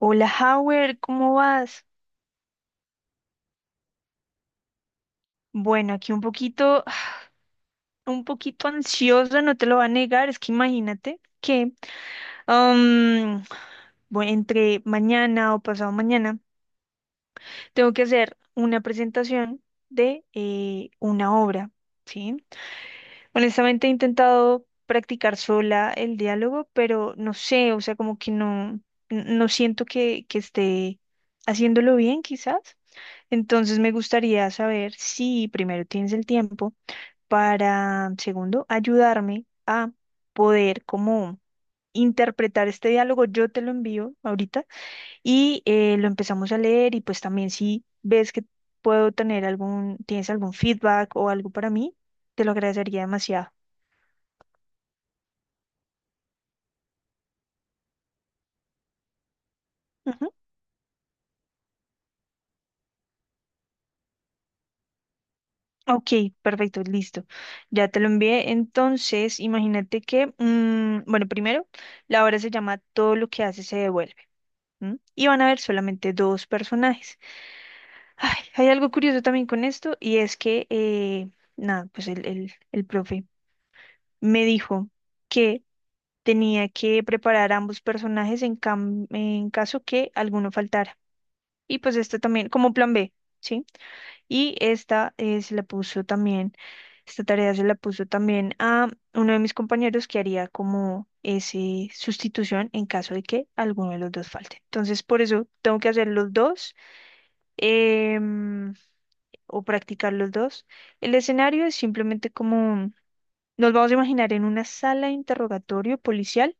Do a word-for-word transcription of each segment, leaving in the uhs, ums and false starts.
Hola, Howard, ¿cómo vas? Bueno, aquí un poquito, un poquito ansiosa, no te lo voy a negar, es que imagínate que am, bueno, entre mañana o pasado mañana tengo que hacer una presentación de eh, una obra, ¿sí? Honestamente he intentado practicar sola el diálogo, pero no sé, o sea, como que no, n- no siento que, que esté haciéndolo bien, quizás. Entonces me gustaría saber si primero tienes el tiempo para, segundo, ayudarme a poder como interpretar este diálogo. Yo te lo envío ahorita y eh, lo empezamos a leer y pues también si ves que puedo tener algún, tienes algún feedback o algo para mí, te lo agradecería demasiado. Ujú. Ok, perfecto, listo. Ya te lo envié. Entonces, imagínate que, mm, bueno, primero, la obra se llama Todo lo que hace se devuelve. ¿M? Y van a haber solamente dos personajes. Ay, hay algo curioso también con esto y es que, eh, nada, pues el, el, el profe me dijo que tenía que preparar ambos personajes en, cam- en caso que alguno faltara. Y pues esta también, como plan B, ¿sí? Y esta eh, se la puso también, esta tarea se la puso también a uno de mis compañeros que haría como ese sustitución en caso de que alguno de los dos falte. Entonces, por eso tengo que hacer los dos em, o practicar los dos. El escenario es simplemente como nos vamos a imaginar en una sala de interrogatorio policial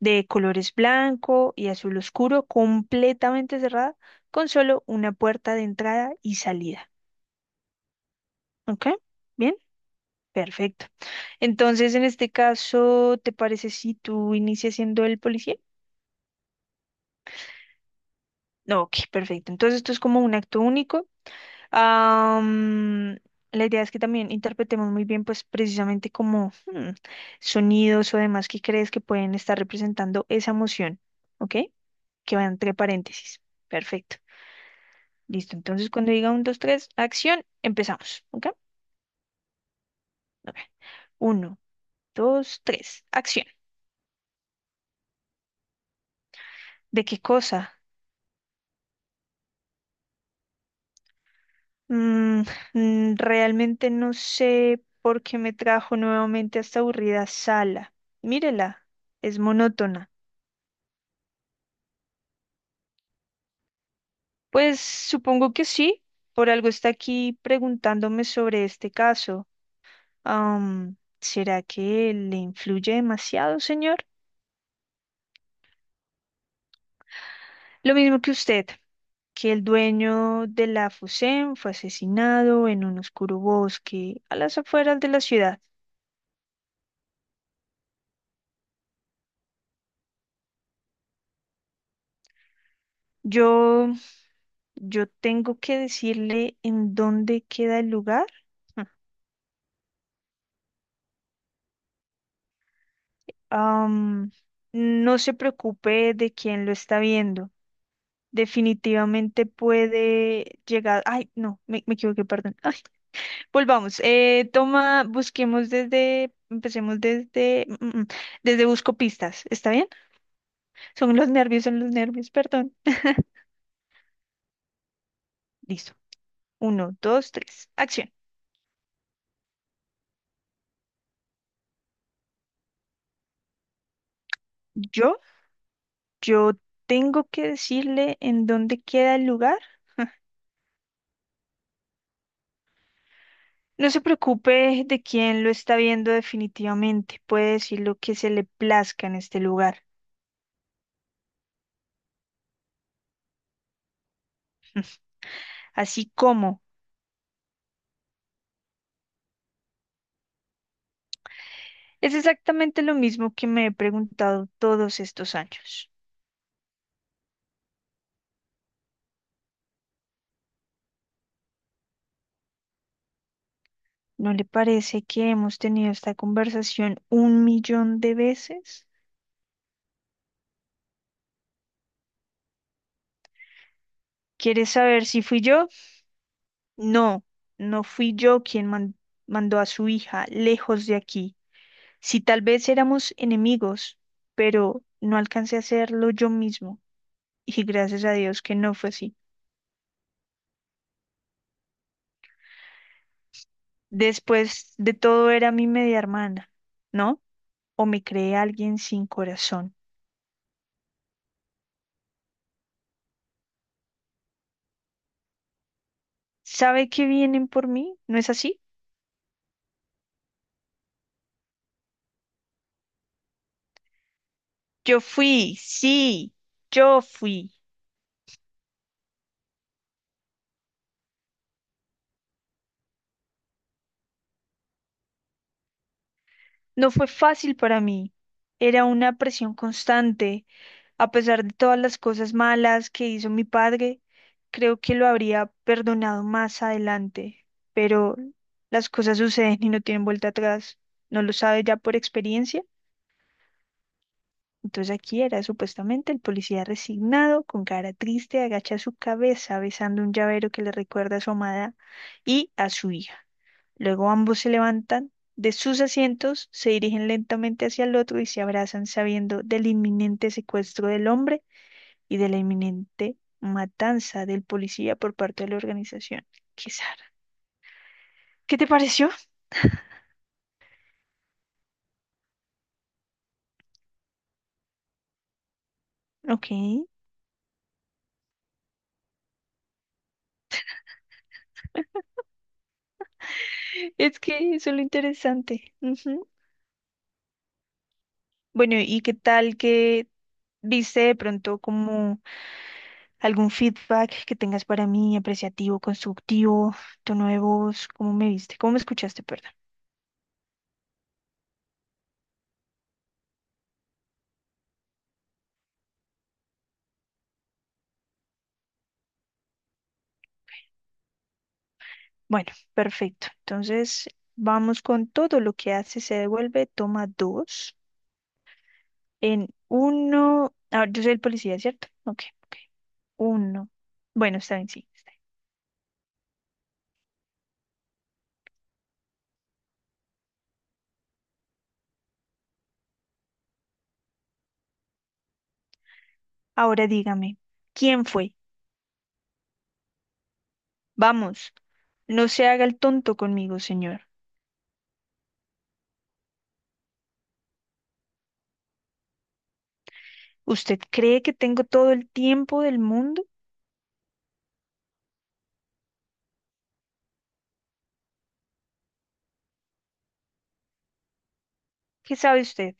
de colores blanco y azul oscuro, completamente cerrada, con solo una puerta de entrada y salida. ¿Ok? Bien, perfecto. Entonces, en este caso, ¿te parece si tú inicias siendo el policía? No, ok, perfecto. Entonces, esto es como un acto único. Am, la idea es que también interpretemos muy bien, pues precisamente como hmm, sonidos o demás que crees que pueden estar representando esa emoción, ¿ok? Que va entre paréntesis. Perfecto. Listo. Entonces, cuando diga un, dos, tres, acción, empezamos, ¿ok? Ok. Uno, dos, tres, acción. ¿De qué cosa? Mm, mm, realmente no sé por qué me trajo nuevamente a esta aburrida sala. Mírela, es monótona. Pues supongo que sí, por algo está aquí preguntándome sobre este caso. Am, ¿será que le influye demasiado, señor? Lo mismo que usted, que el dueño de la Fusem fue asesinado en un oscuro bosque a las afueras de la ciudad. Yo, yo tengo que decirle en dónde queda el lugar. Am, no se preocupe de quién lo está viendo. Definitivamente puede llegar. Ay, no, me, me equivoqué, perdón. Ay, volvamos. Eh, toma, busquemos desde, empecemos desde, mm, mm, mm, desde busco pistas. ¿Está bien? Son los nervios, son los nervios, perdón. Listo. Uno, dos, tres. Acción. Yo, yo tengo que decirle en dónde queda el lugar. No se preocupe de quién lo está viendo definitivamente. Puede decir lo que se le plazca en este lugar. Así como. Es exactamente lo mismo que me he preguntado todos estos años. ¿No le parece que hemos tenido esta conversación un millón de veces? ¿Quieres saber si fui yo? No, no fui yo quien man- mandó a su hija lejos de aquí. Si tal vez éramos enemigos, pero no alcancé a hacerlo yo mismo. Y gracias a Dios que no fue así. Después de todo era mi media hermana, ¿no? O me creé alguien sin corazón. Sabe que vienen por mí, ¿no es así? Yo fui, sí, yo fui. No fue fácil para mí. Era una presión constante. A pesar de todas las cosas malas que hizo mi padre, creo que lo habría perdonado más adelante. Pero las cosas suceden y no tienen vuelta atrás. ¿No lo sabe ya por experiencia? Entonces aquí era supuestamente el policía resignado, con cara triste, agacha su cabeza besando un llavero que le recuerda a su amada y a su hija. Luego ambos se levantan de sus asientos, se dirigen lentamente hacia el otro y se abrazan sabiendo del inminente secuestro del hombre y de la inminente matanza del policía por parte de la organización. Qué zarra. ¿Qué te pareció? Ok. Es que eso es lo interesante. Ujú. Bueno, ¿y qué tal que viste de pronto como algún feedback que tengas para mí, apreciativo, constructivo, tono de voz? ¿Cómo me viste? ¿Cómo me escuchaste? Perdón. Bueno, perfecto. Entonces, vamos con todo lo que hace, se devuelve, toma dos. En uno, ahora yo soy el policía, ¿cierto? Ok, ok. Uno. Bueno, está bien, sí, está bien. Ahora dígame, ¿quién fue? Vamos, no se haga el tonto conmigo, señor. ¿Usted cree que tengo todo el tiempo del mundo? ¿Qué sabe usted?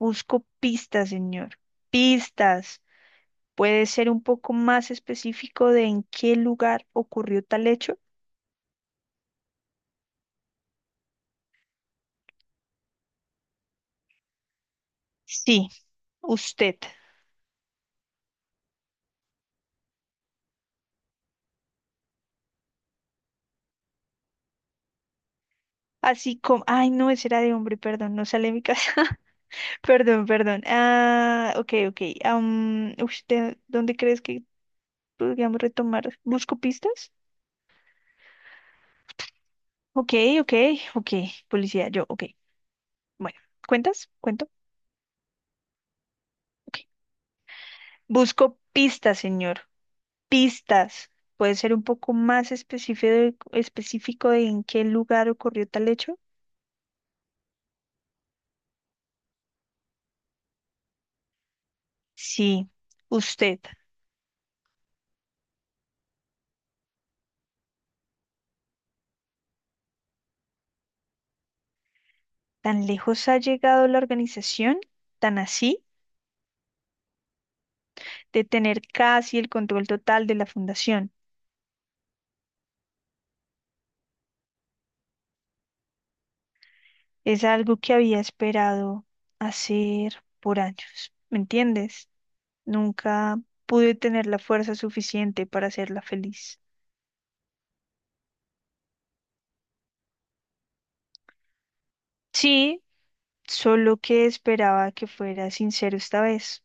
Busco pistas, señor. Pistas. ¿Puede ser un poco más específico de en qué lugar ocurrió tal hecho? Sí, usted. Así como... Ay, no, ese era de hombre, perdón, no sale de mi casa. Perdón, perdón. Ah, ok, ok. am, ¿usted dónde crees que podríamos retomar? ¿Busco pistas? Ok, ok, ok. Policía, yo, ok. Bueno, ¿cuentas? ¿Cuento? Ok. Busco pistas, señor. Pistas. ¿Puede ser un poco más específico, específico de en qué lugar ocurrió tal hecho? Sí. ¿Usted tan lejos ha llegado la organización, tan así, de tener casi el control total de la fundación? Es algo que había esperado hacer por años, ¿me entiendes? Nunca pude tener la fuerza suficiente para hacerla feliz. Sí, solo que esperaba que fuera sincero esta vez.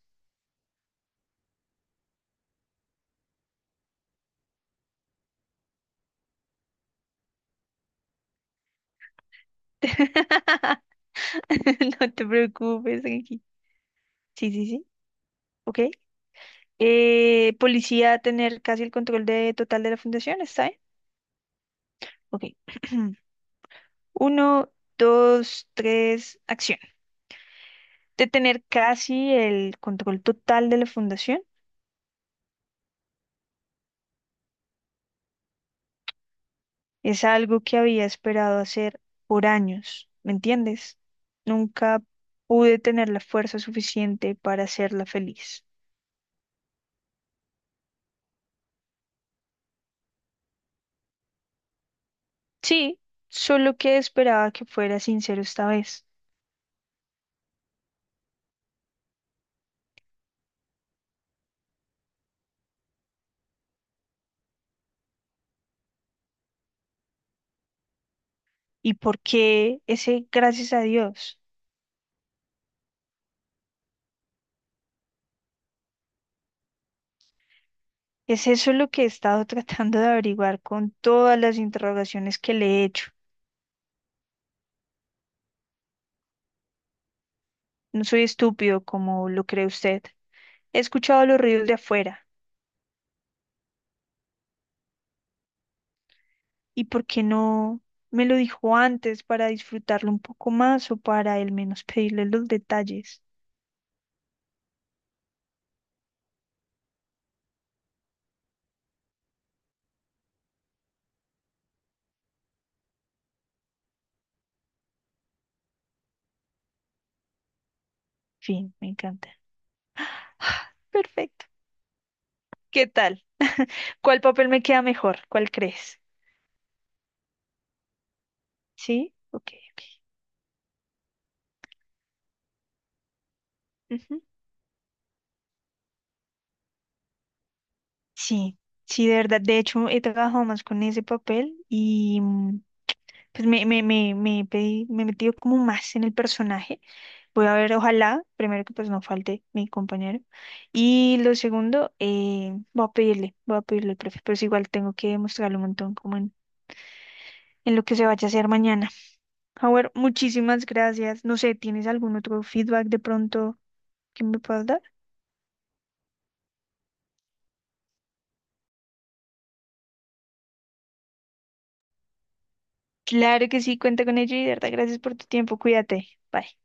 No te preocupes, Genki. Sí, sí, sí. Ok. Eh, policía tener casi el control de, total de la fundación, ¿está bien? Ok. Uno, dos, tres, acción. De tener casi el control total de la fundación es algo que había esperado hacer por años, ¿me entiendes? Nunca pude tener la fuerza suficiente para hacerla feliz. Sí, solo que esperaba que fuera sincero esta vez. Y por qué ese gracias a Dios. Es eso lo que he estado tratando de averiguar con todas las interrogaciones que le he hecho. No soy estúpido como lo cree usted. He escuchado los ruidos de afuera. ¿Y por qué no me lo dijo antes para disfrutarlo un poco más o para al menos pedirle los detalles? Fin, me encanta. Perfecto. ¿Qué tal? ¿Cuál papel me queda mejor? ¿Cuál crees? ¿Sí? Ok, ok. Ujú. Sí, sí, de verdad. De hecho, he trabajado más con ese papel y mm, pues me, me, me, me, pedí- me he metido como más en el personaje. Voy a ver, ojalá, primero que pues no falte mi compañero. Y lo segundo, eh, voy a pedirle, voy a pedirle al profe, pero es igual tengo que mostrarle un montón como en, en lo que se vaya a hacer mañana. Howard, muchísimas gracias. No sé, ¿tienes algún otro feedback de pronto que me puedas dar? Claro que sí, cuenta con ello y de verdad, gracias por tu tiempo. Cuídate. Bye.